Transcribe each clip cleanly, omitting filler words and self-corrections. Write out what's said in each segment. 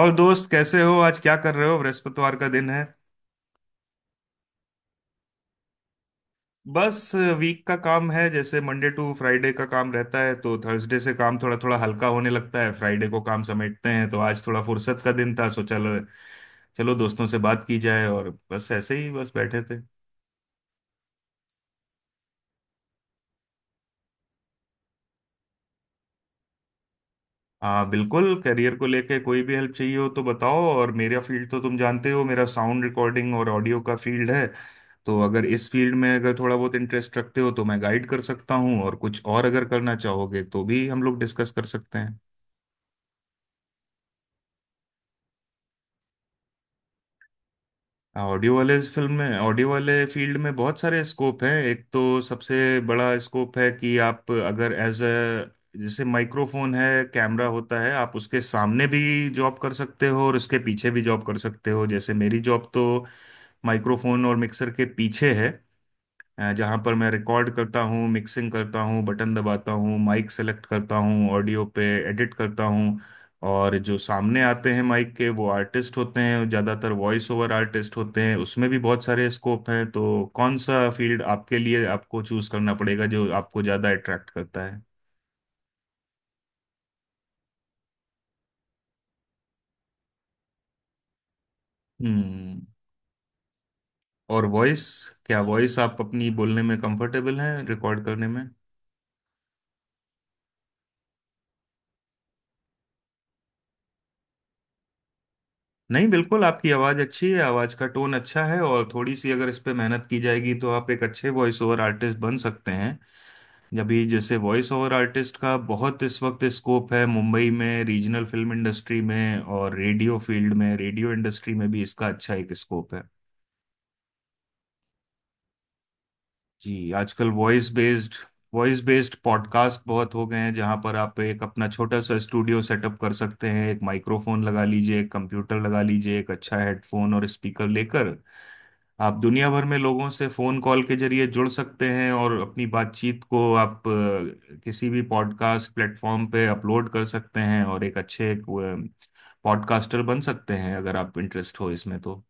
और दोस्त, कैसे हो? आज क्या कर रहे हो? बृहस्पतिवार का दिन है। बस वीक का काम है, जैसे मंडे टू फ्राइडे का काम रहता है, तो थर्सडे से काम थोड़ा थोड़ा हल्का होने लगता है। फ्राइडे को काम समेटते हैं, तो आज थोड़ा फुर्सत का दिन था, सो चलो। चलो दोस्तों से बात की जाए और बस ऐसे ही बस बैठे थे। हाँ, बिल्कुल, करियर को लेके कोई भी हेल्प चाहिए हो तो बताओ, और मेरा फील्ड तो तुम जानते हो, मेरा साउंड रिकॉर्डिंग और ऑडियो का फील्ड है। तो अगर इस फील्ड में अगर थोड़ा बहुत इंटरेस्ट रखते हो तो मैं गाइड कर सकता हूँ, और कुछ और अगर करना चाहोगे तो भी हम लोग डिस्कस कर सकते हैं। हाँ, ऑडियो वाले इस फिल्म में ऑडियो वाले फील्ड में बहुत सारे स्कोप हैं। एक तो सबसे बड़ा स्कोप है कि आप अगर एज अ, जैसे माइक्रोफोन है, कैमरा होता है, आप उसके सामने भी जॉब कर सकते हो और उसके पीछे भी जॉब कर सकते हो। जैसे मेरी जॉब तो माइक्रोफोन और मिक्सर के पीछे है। जहाँ पर मैं रिकॉर्ड करता हूँ, मिक्सिंग करता हूँ, बटन दबाता हूँ, माइक सेलेक्ट करता हूँ, ऑडियो पे एडिट करता हूँ। और जो सामने आते हैं माइक के वो आर्टिस्ट होते हैं, ज़्यादातर वॉइस ओवर आर्टिस्ट होते हैं। उसमें भी बहुत सारे स्कोप हैं। तो कौन सा फील्ड आपके लिए, आपको चूज करना पड़ेगा जो आपको ज़्यादा अट्रैक्ट करता है। हम्म। और वॉइस, क्या वॉइस आप अपनी बोलने में कंफर्टेबल हैं रिकॉर्ड करने में? नहीं, बिल्कुल आपकी आवाज़ अच्छी है, आवाज़ का टोन अच्छा है, और थोड़ी सी अगर इस पे मेहनत की जाएगी तो आप एक अच्छे वॉइस ओवर आर्टिस्ट बन सकते हैं। अभी जैसे वॉइस ओवर आर्टिस्ट का बहुत इस वक्त स्कोप है मुंबई में, रीजनल फिल्म इंडस्ट्री में, और रेडियो फील्ड में, रेडियो इंडस्ट्री में भी इसका अच्छा एक स्कोप है। जी, आजकल वॉइस बेस्ड पॉडकास्ट बहुत हो गए हैं, जहां पर आप एक अपना छोटा सा स्टूडियो सेटअप कर सकते हैं, एक माइक्रोफोन लगा लीजिए, एक कंप्यूटर लगा लीजिए, एक अच्छा हेडफोन और स्पीकर लेकर आप दुनिया भर में लोगों से फोन कॉल के जरिए जुड़ सकते हैं, और अपनी बातचीत को आप किसी भी पॉडकास्ट प्लेटफॉर्म पे अपलोड कर सकते हैं और एक अच्छे पॉडकास्टर बन सकते हैं अगर आप इंटरेस्ट हो इसमें तो।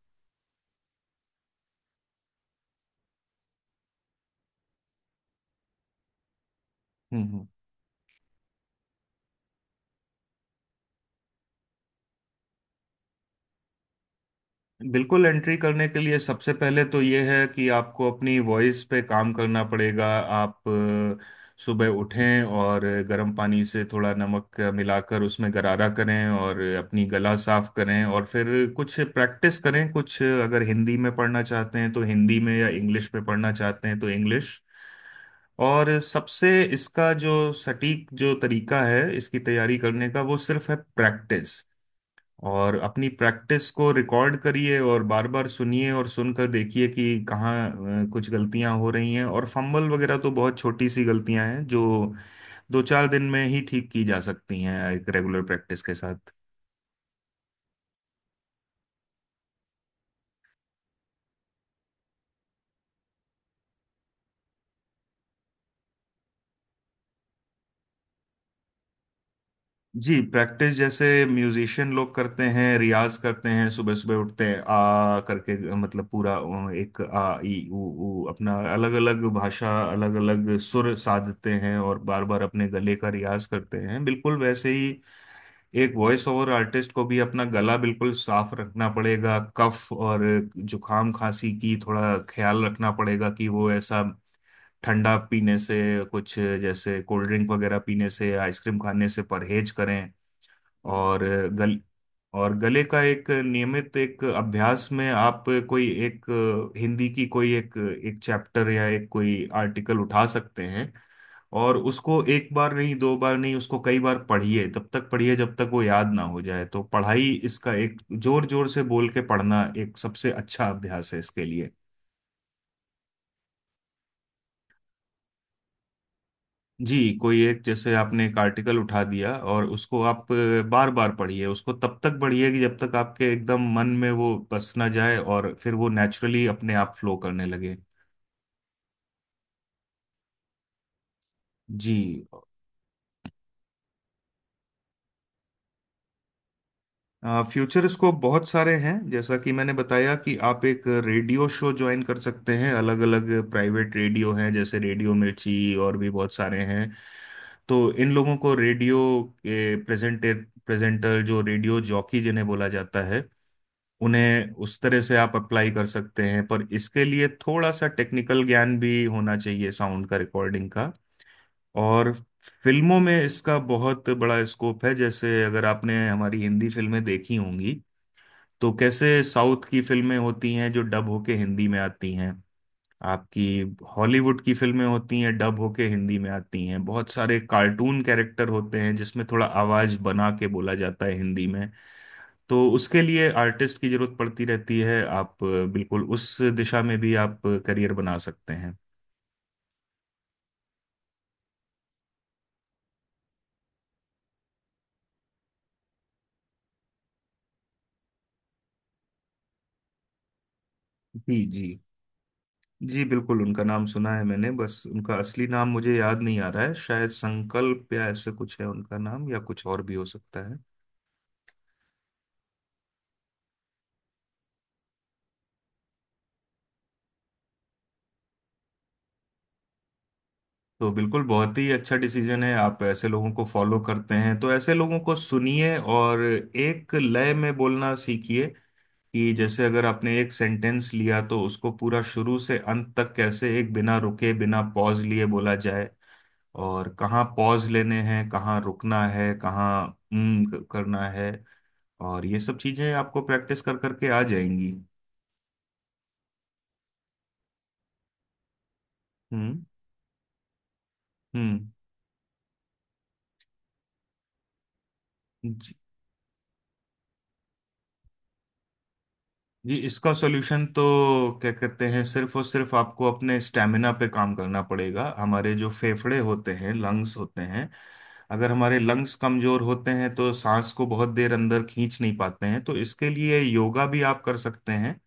हम्म। हम्म। बिल्कुल, एंट्री करने के लिए सबसे पहले तो ये है कि आपको अपनी वॉइस पे काम करना पड़ेगा। आप सुबह उठें और गर्म पानी से थोड़ा नमक मिलाकर उसमें गरारा करें और अपनी गला साफ करें, और फिर कुछ प्रैक्टिस करें। कुछ अगर हिंदी में पढ़ना चाहते हैं तो हिंदी में, या इंग्लिश में पढ़ना चाहते हैं तो इंग्लिश। और सबसे, इसका जो सटीक जो तरीका है इसकी तैयारी करने का, वो सिर्फ है प्रैक्टिस। और अपनी प्रैक्टिस को रिकॉर्ड करिए और बार बार सुनिए और सुनकर देखिए कि कहाँ कुछ गलतियां हो रही हैं, और फंबल वगैरह तो बहुत छोटी सी गलतियां हैं जो दो चार दिन में ही ठीक की जा सकती हैं एक रेगुलर प्रैक्टिस के साथ। जी, प्रैक्टिस जैसे म्यूजिशियन लोग करते हैं, रियाज करते हैं, सुबह सुबह उठते हैं, आ करके मतलब पूरा एक आ ई उ ऊ, अपना अलग अलग भाषा, अलग अलग सुर साधते हैं, और बार बार अपने गले का रियाज करते हैं। बिल्कुल वैसे ही एक वॉइस ओवर आर्टिस्ट को भी अपना गला बिल्कुल साफ रखना पड़ेगा। कफ और जुकाम खांसी की थोड़ा ख्याल रखना पड़ेगा कि वो ऐसा ठंडा पीने से, कुछ जैसे कोल्ड ड्रिंक वगैरह पीने से, आइसक्रीम खाने से परहेज करें। और गल और गले का एक नियमित एक अभ्यास में आप कोई एक हिंदी की कोई एक एक चैप्टर या एक कोई आर्टिकल उठा सकते हैं, और उसको एक बार नहीं, दो बार नहीं, उसको कई बार पढ़िए, तब तक पढ़िए जब तक वो याद ना हो जाए। तो पढ़ाई, इसका एक जोर जोर से बोल के पढ़ना एक सबसे अच्छा अभ्यास है इसके लिए। जी, कोई एक, जैसे आपने एक आर्टिकल उठा दिया और उसको आप बार बार पढ़िए, उसको तब तक पढ़िए कि जब तक आपके एकदम मन में वो बस ना जाए और फिर वो नेचुरली अपने आप फ्लो करने लगे। जी। फ्यूचर स्कोप बहुत सारे हैं, जैसा कि मैंने बताया कि आप एक रेडियो शो ज्वाइन कर सकते हैं, अलग अलग प्राइवेट रेडियो हैं जैसे रेडियो मिर्ची, और भी बहुत सारे हैं। तो इन लोगों को, रेडियो के प्रेजेंटर प्रेजेंटर जो रेडियो जॉकी जिन्हें बोला जाता है, उन्हें उस तरह से आप अप्लाई कर सकते हैं, पर इसके लिए थोड़ा सा टेक्निकल ज्ञान भी होना चाहिए, साउंड का, रिकॉर्डिंग का। और फिल्मों में इसका बहुत बड़ा स्कोप है। जैसे अगर आपने हमारी हिंदी फिल्में देखी होंगी, तो कैसे साउथ की फिल्में होती हैं जो डब होके हिंदी में आती हैं, आपकी हॉलीवुड की फिल्में होती हैं डब होके हिंदी में आती हैं। बहुत सारे कार्टून कैरेक्टर होते हैं जिसमें थोड़ा आवाज बना के बोला जाता है हिंदी में। तो उसके लिए आर्टिस्ट की जरूरत पड़ती रहती है। आप बिल्कुल उस दिशा में भी आप करियर बना सकते हैं। जी जी। जी बिल्कुल, उनका नाम सुना है मैंने, बस उनका असली नाम मुझे याद नहीं आ रहा है। शायद संकल्प या ऐसे कुछ है उनका नाम, या कुछ और भी हो सकता है। तो बिल्कुल, बहुत ही अच्छा डिसीजन है। आप ऐसे लोगों को फॉलो करते हैं तो ऐसे लोगों को सुनिए और एक लय में बोलना सीखिए कि जैसे अगर आपने एक सेंटेंस लिया तो उसको पूरा शुरू से अंत तक कैसे एक बिना रुके, बिना पॉज लिए बोला जाए, और कहाँ पॉज लेने हैं, कहाँ रुकना है, कहाँ करना है। और ये सब चीजें आपको प्रैक्टिस कर करके आ जाएंगी। हम्म। हम्म। जी, इसका सॉल्यूशन तो, क्या कहते हैं, सिर्फ और सिर्फ आपको अपने स्टेमिना पे काम करना पड़ेगा। हमारे जो फेफड़े होते हैं, लंग्स होते हैं, अगर हमारे लंग्स कमजोर होते हैं तो सांस को बहुत देर अंदर खींच नहीं पाते हैं। तो इसके लिए योगा भी आप कर सकते हैं।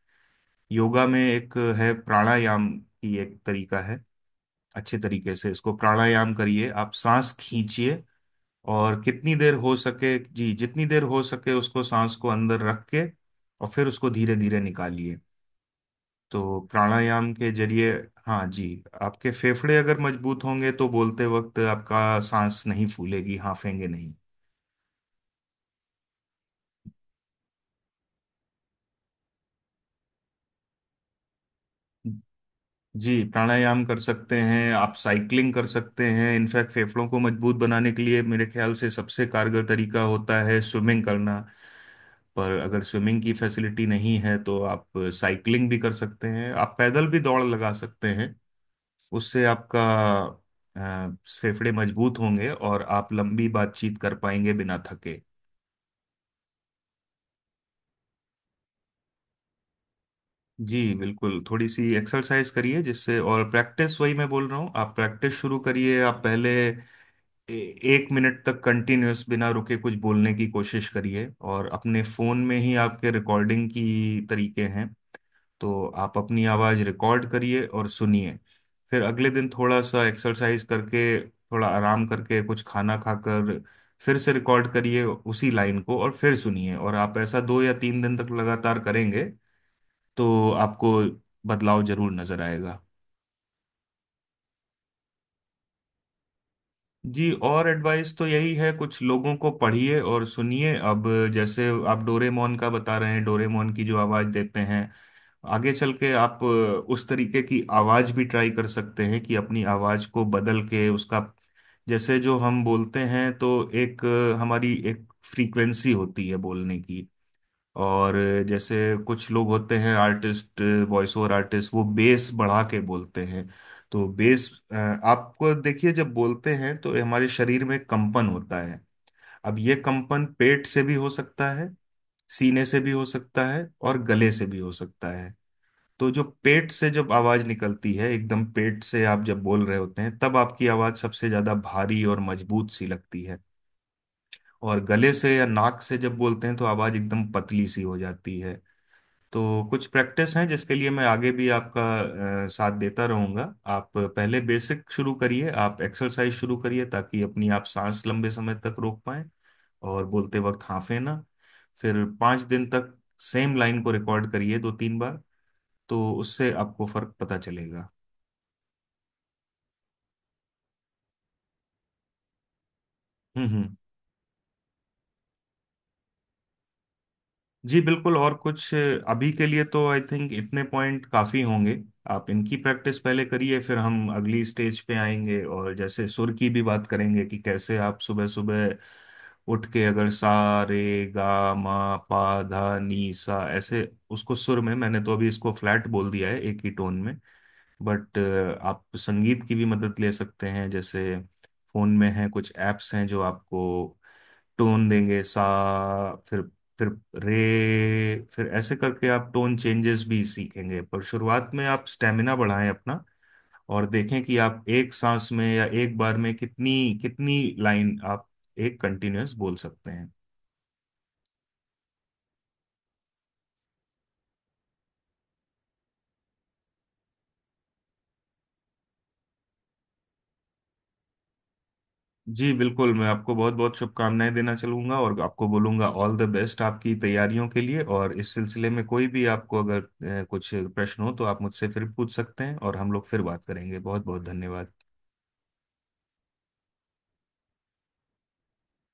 योगा में एक है, प्राणायाम की एक तरीका है। अच्छे तरीके से इसको प्राणायाम करिए, आप सांस खींचिए और कितनी देर हो सके, जी जितनी देर हो सके, उसको सांस को अंदर रख के और फिर उसको धीरे धीरे निकालिए। तो प्राणायाम के जरिए, हाँ जी, आपके फेफड़े अगर मजबूत होंगे तो बोलते वक्त आपका सांस नहीं फूलेगी, हांफेंगे नहीं। जी, प्राणायाम कर सकते हैं, आप साइकिलिंग कर सकते हैं, इनफैक्ट फेफड़ों को मजबूत बनाने के लिए मेरे ख्याल से सबसे कारगर तरीका होता है स्विमिंग करना। पर अगर स्विमिंग की फैसिलिटी नहीं है तो आप साइकिलिंग भी कर सकते हैं, आप पैदल भी दौड़ लगा सकते हैं, उससे आपका अ, फेफड़े मजबूत होंगे और आप लंबी बातचीत कर पाएंगे बिना थके। जी बिल्कुल, थोड़ी सी एक्सरसाइज करिए जिससे, और प्रैक्टिस वही मैं बोल रहा हूँ, आप प्रैक्टिस शुरू करिए, आप पहले ए- 1 मिनट तक कंटिन्यूअस बिना रुके कुछ बोलने की कोशिश करिए, और अपने फोन में ही आपके रिकॉर्डिंग की तरीके हैं, तो आप अपनी आवाज रिकॉर्ड करिए और सुनिए। फिर अगले दिन थोड़ा सा एक्सरसाइज करके, थोड़ा आराम करके, कुछ खाना खाकर फिर से रिकॉर्ड करिए उसी लाइन को और फिर सुनिए, और आप ऐसा 2 या 3 दिन तक लगातार करेंगे तो आपको बदलाव जरूर नजर आएगा। जी, और एडवाइस तो यही है, कुछ लोगों को पढ़िए और सुनिए। अब जैसे आप डोरेमोन का बता रहे हैं, डोरेमोन की जो आवाज देते हैं, आगे चल के आप उस तरीके की आवाज भी ट्राई कर सकते हैं कि अपनी आवाज को बदल के उसका, जैसे जो हम बोलते हैं तो एक, हमारी एक फ्रीक्वेंसी होती है बोलने की, और जैसे कुछ लोग होते हैं आर्टिस्ट, वॉइस ओवर आर्टिस्ट, वो बेस बढ़ा के बोलते हैं। तो बेस, आपको देखिए, जब बोलते हैं तो हमारे शरीर में कंपन होता है। अब ये कंपन पेट से भी हो सकता है, सीने से भी हो सकता है, और गले से भी हो सकता है। तो जो पेट से जब आवाज निकलती है, एकदम पेट से आप जब बोल रहे होते हैं तब आपकी आवाज सबसे ज्यादा भारी और मजबूत सी लगती है, और गले से या नाक से जब बोलते हैं तो आवाज एकदम पतली सी हो जाती है। तो कुछ प्रैक्टिस हैं जिसके लिए मैं आगे भी आपका साथ देता रहूंगा। आप पहले बेसिक शुरू करिए, आप एक्सरसाइज शुरू करिए ताकि अपनी आप सांस लंबे समय तक रोक पाए और बोलते वक्त हांफे ना। फिर 5 दिन तक सेम लाइन को रिकॉर्ड करिए दो तीन बार, तो उससे आपको फर्क पता चलेगा। हम्म। हम्म। जी बिल्कुल, और कुछ, अभी के लिए तो आई थिंक इतने पॉइंट काफी होंगे। आप इनकी प्रैक्टिस पहले करिए, फिर हम अगली स्टेज पे आएंगे और जैसे सुर की भी बात करेंगे कि कैसे आप सुबह सुबह उठ के, अगर सा रे गा मा पा धा नी सा, ऐसे उसको सुर में, मैंने तो अभी इसको फ्लैट बोल दिया है एक ही टोन में, बट आप संगीत की भी मदद ले सकते हैं। जैसे फोन में हैं कुछ एप्स हैं जो आपको टोन देंगे, सा, फिर फिर रे, फिर ऐसे करके आप टोन चेंजेस भी सीखेंगे, पर शुरुआत में आप स्टेमिना बढ़ाएं अपना, और देखें कि आप एक सांस में या एक बार में कितनी कितनी लाइन आप एक कंटिन्यूअस बोल सकते हैं। जी बिल्कुल, मैं आपको बहुत बहुत शुभकामनाएं देना चलूंगा और आपको बोलूंगा ऑल द बेस्ट आपकी तैयारियों के लिए, और इस सिलसिले में कोई भी आपको अगर कुछ प्रश्न हो तो आप मुझसे फिर पूछ सकते हैं और हम लोग फिर बात करेंगे। बहुत बहुत धन्यवाद।